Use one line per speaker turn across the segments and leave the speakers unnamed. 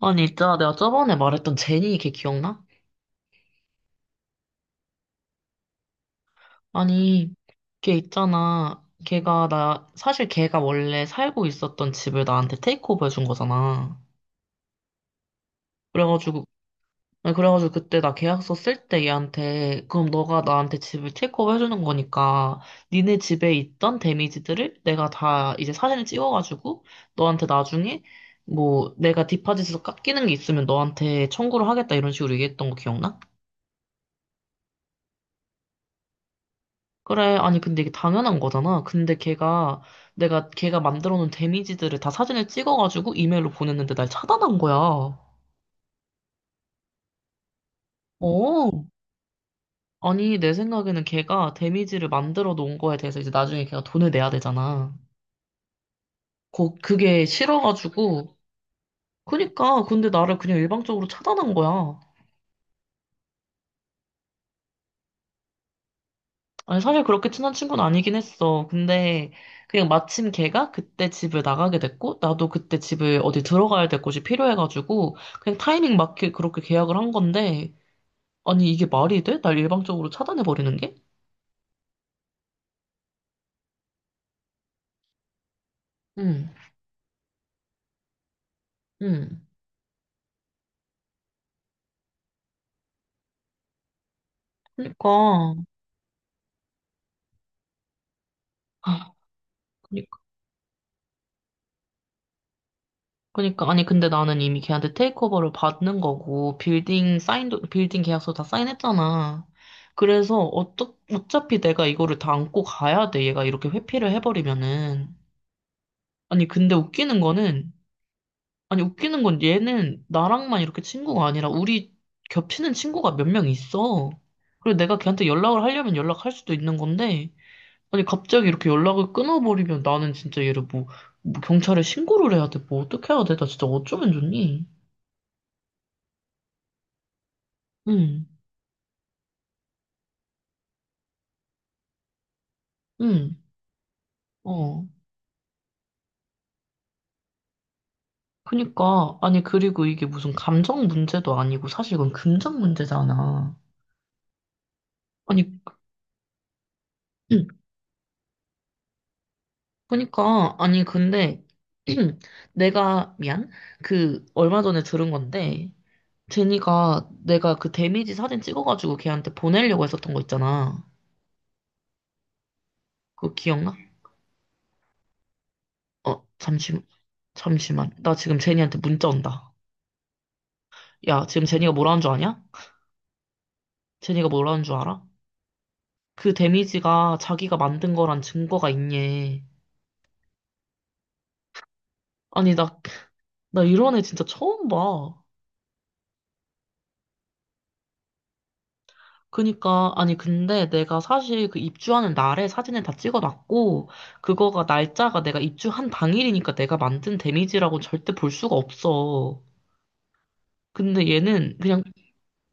아니, 있잖아. 내가 저번에 말했던 제니 걔 기억나? 아니, 걔 있잖아. 걔가 사실 걔가 원래 살고 있었던 집을 나한테 테이크오버 해준 거잖아. 그래가지고, 아니, 그래가지고 그때 나 계약서 쓸 때 얘한테, 그럼 너가 나한테 집을 테이크오버 해주는 거니까, 니네 집에 있던 데미지들을 내가 다 이제 사진을 찍어가지고, 너한테 나중에, 뭐, 내가 디파짓에서 깎이는 게 있으면 너한테 청구를 하겠다 이런 식으로 얘기했던 거 기억나? 그래, 아니, 근데 이게 당연한 거잖아. 근데 걔가, 내가 걔가 만들어 놓은 데미지들을 다 사진을 찍어가지고 이메일로 보냈는데 날 차단한 거야. 어. 아니, 내 생각에는 걔가 데미지를 만들어 놓은 거에 대해서 이제 나중에 걔가 돈을 내야 되잖아. 그게 싫어가지고. 그니까, 근데 나를 그냥 일방적으로 차단한 거야. 아니, 사실 그렇게 친한 친구는 아니긴 했어. 근데 그냥 마침 걔가 그때 집을 나가게 됐고, 나도 그때 집을 어디 들어가야 될 곳이 필요해가지고, 그냥 타이밍 맞게 그렇게 계약을 한 건데, 아니, 이게 말이 돼? 날 일방적으로 차단해버리는 게? 응, 응. 그니까, 아, 그니까, 그니까. 아니, 근데 나는 이미 걔한테 테이크오버를 받는 거고, 빌딩 사인도, 빌딩 계약서 다 사인했잖아. 그래서 어차피 내가 이거를 다 안고 가야 돼. 얘가 이렇게 회피를 해버리면은. 아니, 근데 웃기는 거는, 아니, 웃기는 건 얘는 나랑만 이렇게 친구가 아니라 우리 겹치는 친구가 몇 명 있어. 그리고 내가 걔한테 연락을 하려면 연락할 수도 있는 건데, 아니, 갑자기 이렇게 연락을 끊어버리면 나는 진짜 얘를 뭐, 뭐 경찰에 신고를 해야 돼. 뭐 어떻게 해야 돼? 나 진짜 어쩌면 좋니? 응, 응, 어. 그니까, 아니, 그리고 이게 무슨 감정 문제도 아니고 사실 이건 금전 문제잖아. 아니, 응. 그니까, 아니, 근데, 내가, 미안? 그, 얼마 전에 들은 건데, 제니가 내가 그 데미지 사진 찍어가지고 걔한테 보내려고 했었던 거 있잖아. 그거 기억나? 어, 잠시만. 나 지금 제니한테 문자 온다. 야, 지금 제니가 뭐라는 줄 아냐? 제니가 뭐라는 줄 알아? 그 데미지가 자기가 만든 거란 증거가 있니? 아니, 나 이런 애 진짜 처음 봐. 그니까, 아니, 근데 내가 사실 그 입주하는 날에 사진을 다 찍어놨고, 그거가 날짜가 내가 입주한 당일이니까 내가 만든 데미지라고 절대 볼 수가 없어. 근데 얘는 그냥,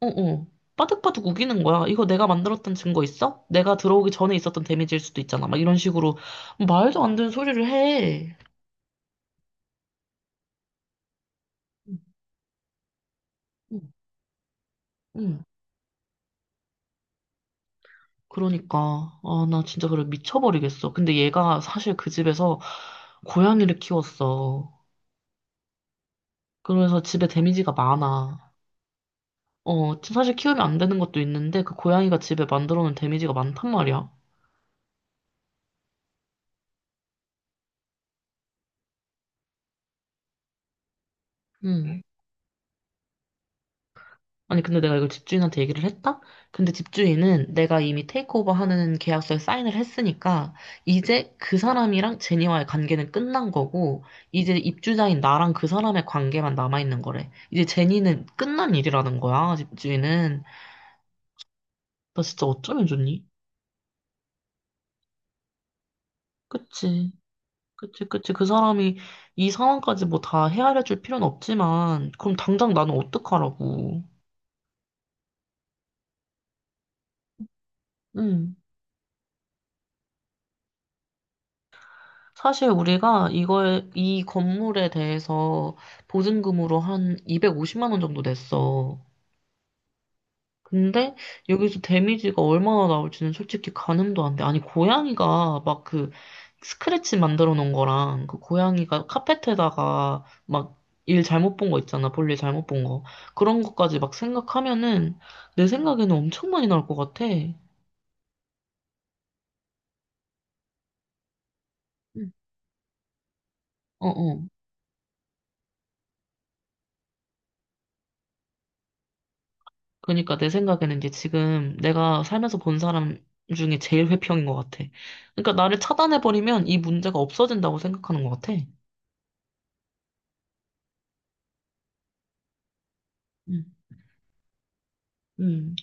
어어, 빠득빠득 우기는 거야. 이거 내가 만들었던 증거 있어? 내가 들어오기 전에 있었던 데미지일 수도 있잖아. 막 이런 식으로 말도 안 되는 소리를 해. 응, 응. 응. 그러니까, 아, 나 진짜 그래 미쳐버리겠어. 근데 얘가 사실 그 집에서 고양이를 키웠어. 그래서 집에 데미지가 많아. 어, 사실 키우면 안 되는 것도 있는데, 그 고양이가 집에 만들어 놓은 데미지가 많단 말이야. 음. 아니, 근데 내가 이걸 집주인한테 얘기를 했다? 근데 집주인은 내가 이미 테이크오버 하는 계약서에 사인을 했으니까, 이제 그 사람이랑 제니와의 관계는 끝난 거고, 이제 입주자인 나랑 그 사람의 관계만 남아있는 거래. 이제 제니는 끝난 일이라는 거야, 집주인은. 나 진짜 어쩌면 좋니? 그치. 그치, 그치. 그 사람이 이 상황까지 뭐 다 헤아려 줄 필요는 없지만, 그럼 당장 나는 어떡하라고. 음, 사실 우리가 이거에, 이 건물에 대해서 보증금으로 한 250만 원 정도 냈어. 근데 여기서 데미지가 얼마나 나올지는 솔직히 가늠도 안 돼. 아니, 고양이가 막 그 스크래치 만들어 놓은 거랑 그 고양이가 카펫에다가 막 일 잘못 본 거 있잖아. 볼일 잘못 본 거. 그런 것까지 막 생각하면은 내 생각에는 엄청 많이 나올 것 같아. 음. 어어. 그러니까 내 생각에는 이제 지금 내가 살면서 본 사람 중에 제일 회평인 것 같아. 그러니까 나를 차단해버리면 이 문제가 없어진다고 생각하는 것 같아. 응. 응.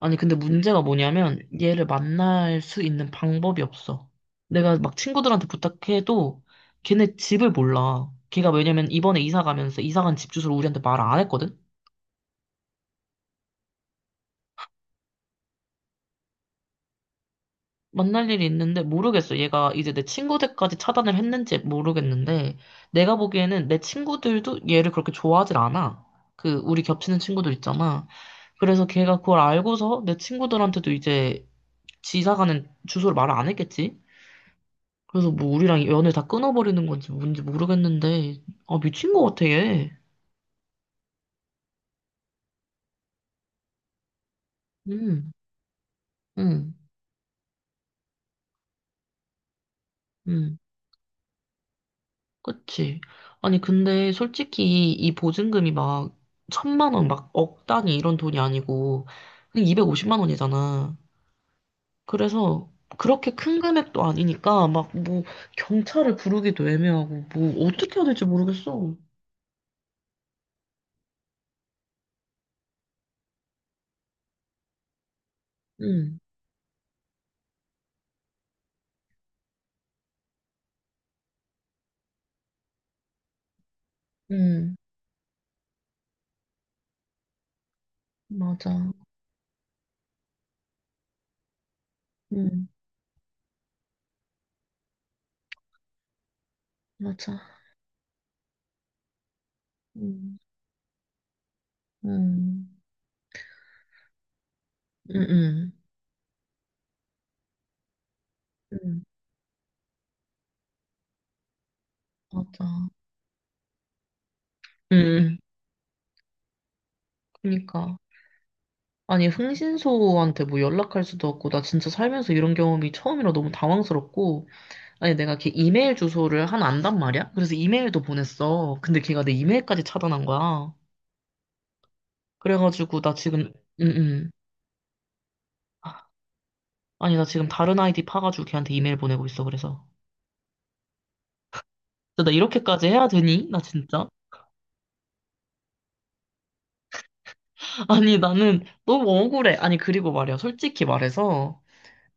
아니, 근데 문제가 뭐냐면 얘를 만날 수 있는 방법이 없어. 내가 막 친구들한테 부탁해도 걔네 집을 몰라. 걔가 왜냐면 이번에 이사 가면서 이사 간 집 주소를 우리한테 말 안 했거든? 만날 일이 있는데 모르겠어. 얘가 이제 내 친구들까지 차단을 했는지 모르겠는데 내가 보기에는 내 친구들도 얘를 그렇게 좋아하질 않아. 그 우리 겹치는 친구들 있잖아. 그래서 걔가 그걸 알고서 내 친구들한테도 이제 지사 가는 주소를 말 안 했겠지? 그래서 뭐 우리랑 연을 다 끊어버리는 건지 뭔지 모르겠는데, 아, 미친 것 같아, 얘. 응, 응, 응. 그치. 아니, 근데 솔직히 이 보증금이 막 천만 원, 막 억 단위 이런 돈이 아니고, 그냥 250만 원이잖아. 그래서 그렇게 큰 금액도 아니니까, 막 뭐 경찰을 부르기도 애매하고, 뭐 어떻게 해야 될지 모르겠어. 응, 응, 맞아. 응, 맞아. 응, 응, 응, 응. 맞아. 음, 그니까. 아니, 흥신소한테 뭐 연락할 수도 없고, 나 진짜 살면서 이런 경험이 처음이라 너무 당황스럽고, 아니, 내가 걔 이메일 주소를 하나 안단 말이야? 그래서 이메일도 보냈어. 근데 걔가 내 이메일까지 차단한 거야. 그래가지고, 나 지금, 음, 음. 아니, 나 지금 다른 아이디 파가지고 걔한테 이메일 보내고 있어, 그래서. 근데 나 이렇게까지 해야 되니? 나 진짜? 아니, 나는 너무 억울해. 아니, 그리고 말이야, 솔직히 말해서.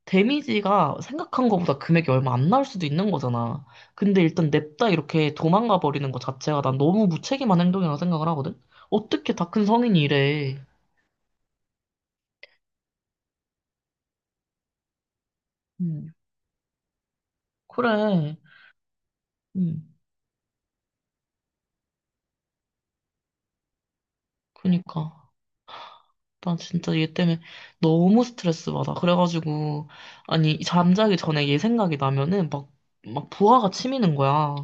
데미지가 생각한 것보다 금액이 얼마 안 나올 수도 있는 거잖아. 근데 일단 냅다 이렇게 도망가 버리는 것 자체가 난 너무 무책임한 행동이라고 생각을 하거든? 어떻게 다 큰 성인이 이래. 음, 그래. 음, 그니까. 난 진짜 얘 때문에 너무 스트레스 받아. 그래가지고, 아니, 잠자기 전에 얘 생각이 나면은 막, 막 부하가 치미는 거야.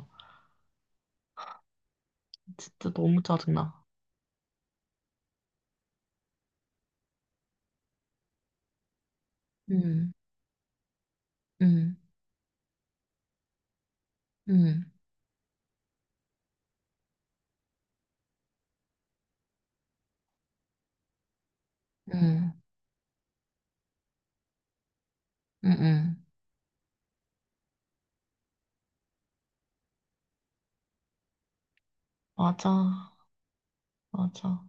진짜 너무 짜증나. 응 응 응 응 응 응 맞아, 맞아.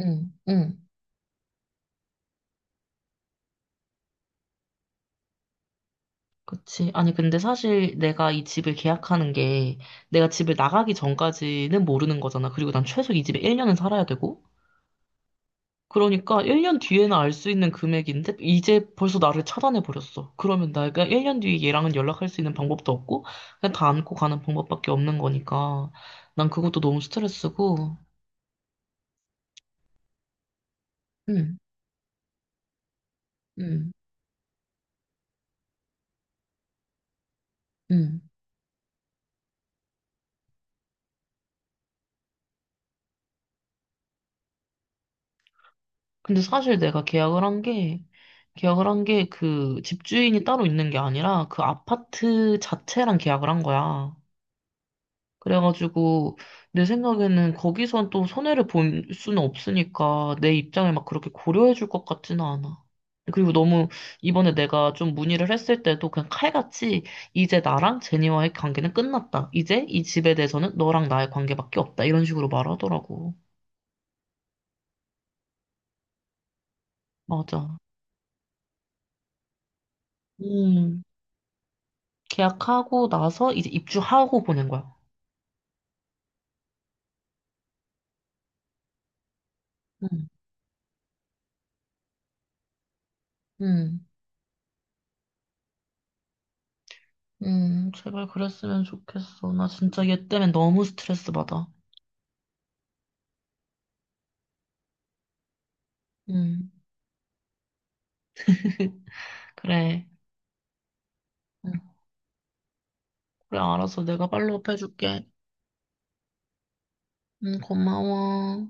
응, 응, 그치. 아니, 근데 사실 내가 이 집을 계약하는 게 내가 집을 나가기 전까지는 모르는 거잖아. 그리고 난 최소 이 집에 1년은 살아야 되고. 그러니까 1년 뒤에는 알 수 있는 금액인데 이제 벌써 나를 차단해버렸어. 그러면 내가 1년 뒤에 얘랑은 연락할 수 있는 방법도 없고 그냥 다 안고 가는 방법밖에 없는 거니까 난 그것도 너무 스트레스고. 응, 응, 응. 근데 사실 내가 계약을 한 게, 계약을 한 게 그 집주인이 따로 있는 게 아니라 그 아파트 자체랑 계약을 한 거야. 그래가지고 내 생각에는 거기선 또 손해를 볼 수는 없으니까 내 입장을 막 그렇게 고려해 줄 것 같지는 않아. 그리고 너무 이번에 내가 좀 문의를 했을 때도 그냥 칼같이 이제 나랑 제니와의 관계는 끝났다. 이제 이 집에 대해서는 너랑 나의 관계밖에 없다. 이런 식으로 말하더라고. 맞아. 음, 계약하고 나서 이제 입주하고 보낸 거야. 응, 응, 응. 제발 그랬으면 좋겠어. 나 진짜 얘 때문에 너무 스트레스 받아. 응, 그래. 응, 그래, 알았어. 내가 팔로업 해줄게. 응, 고마워.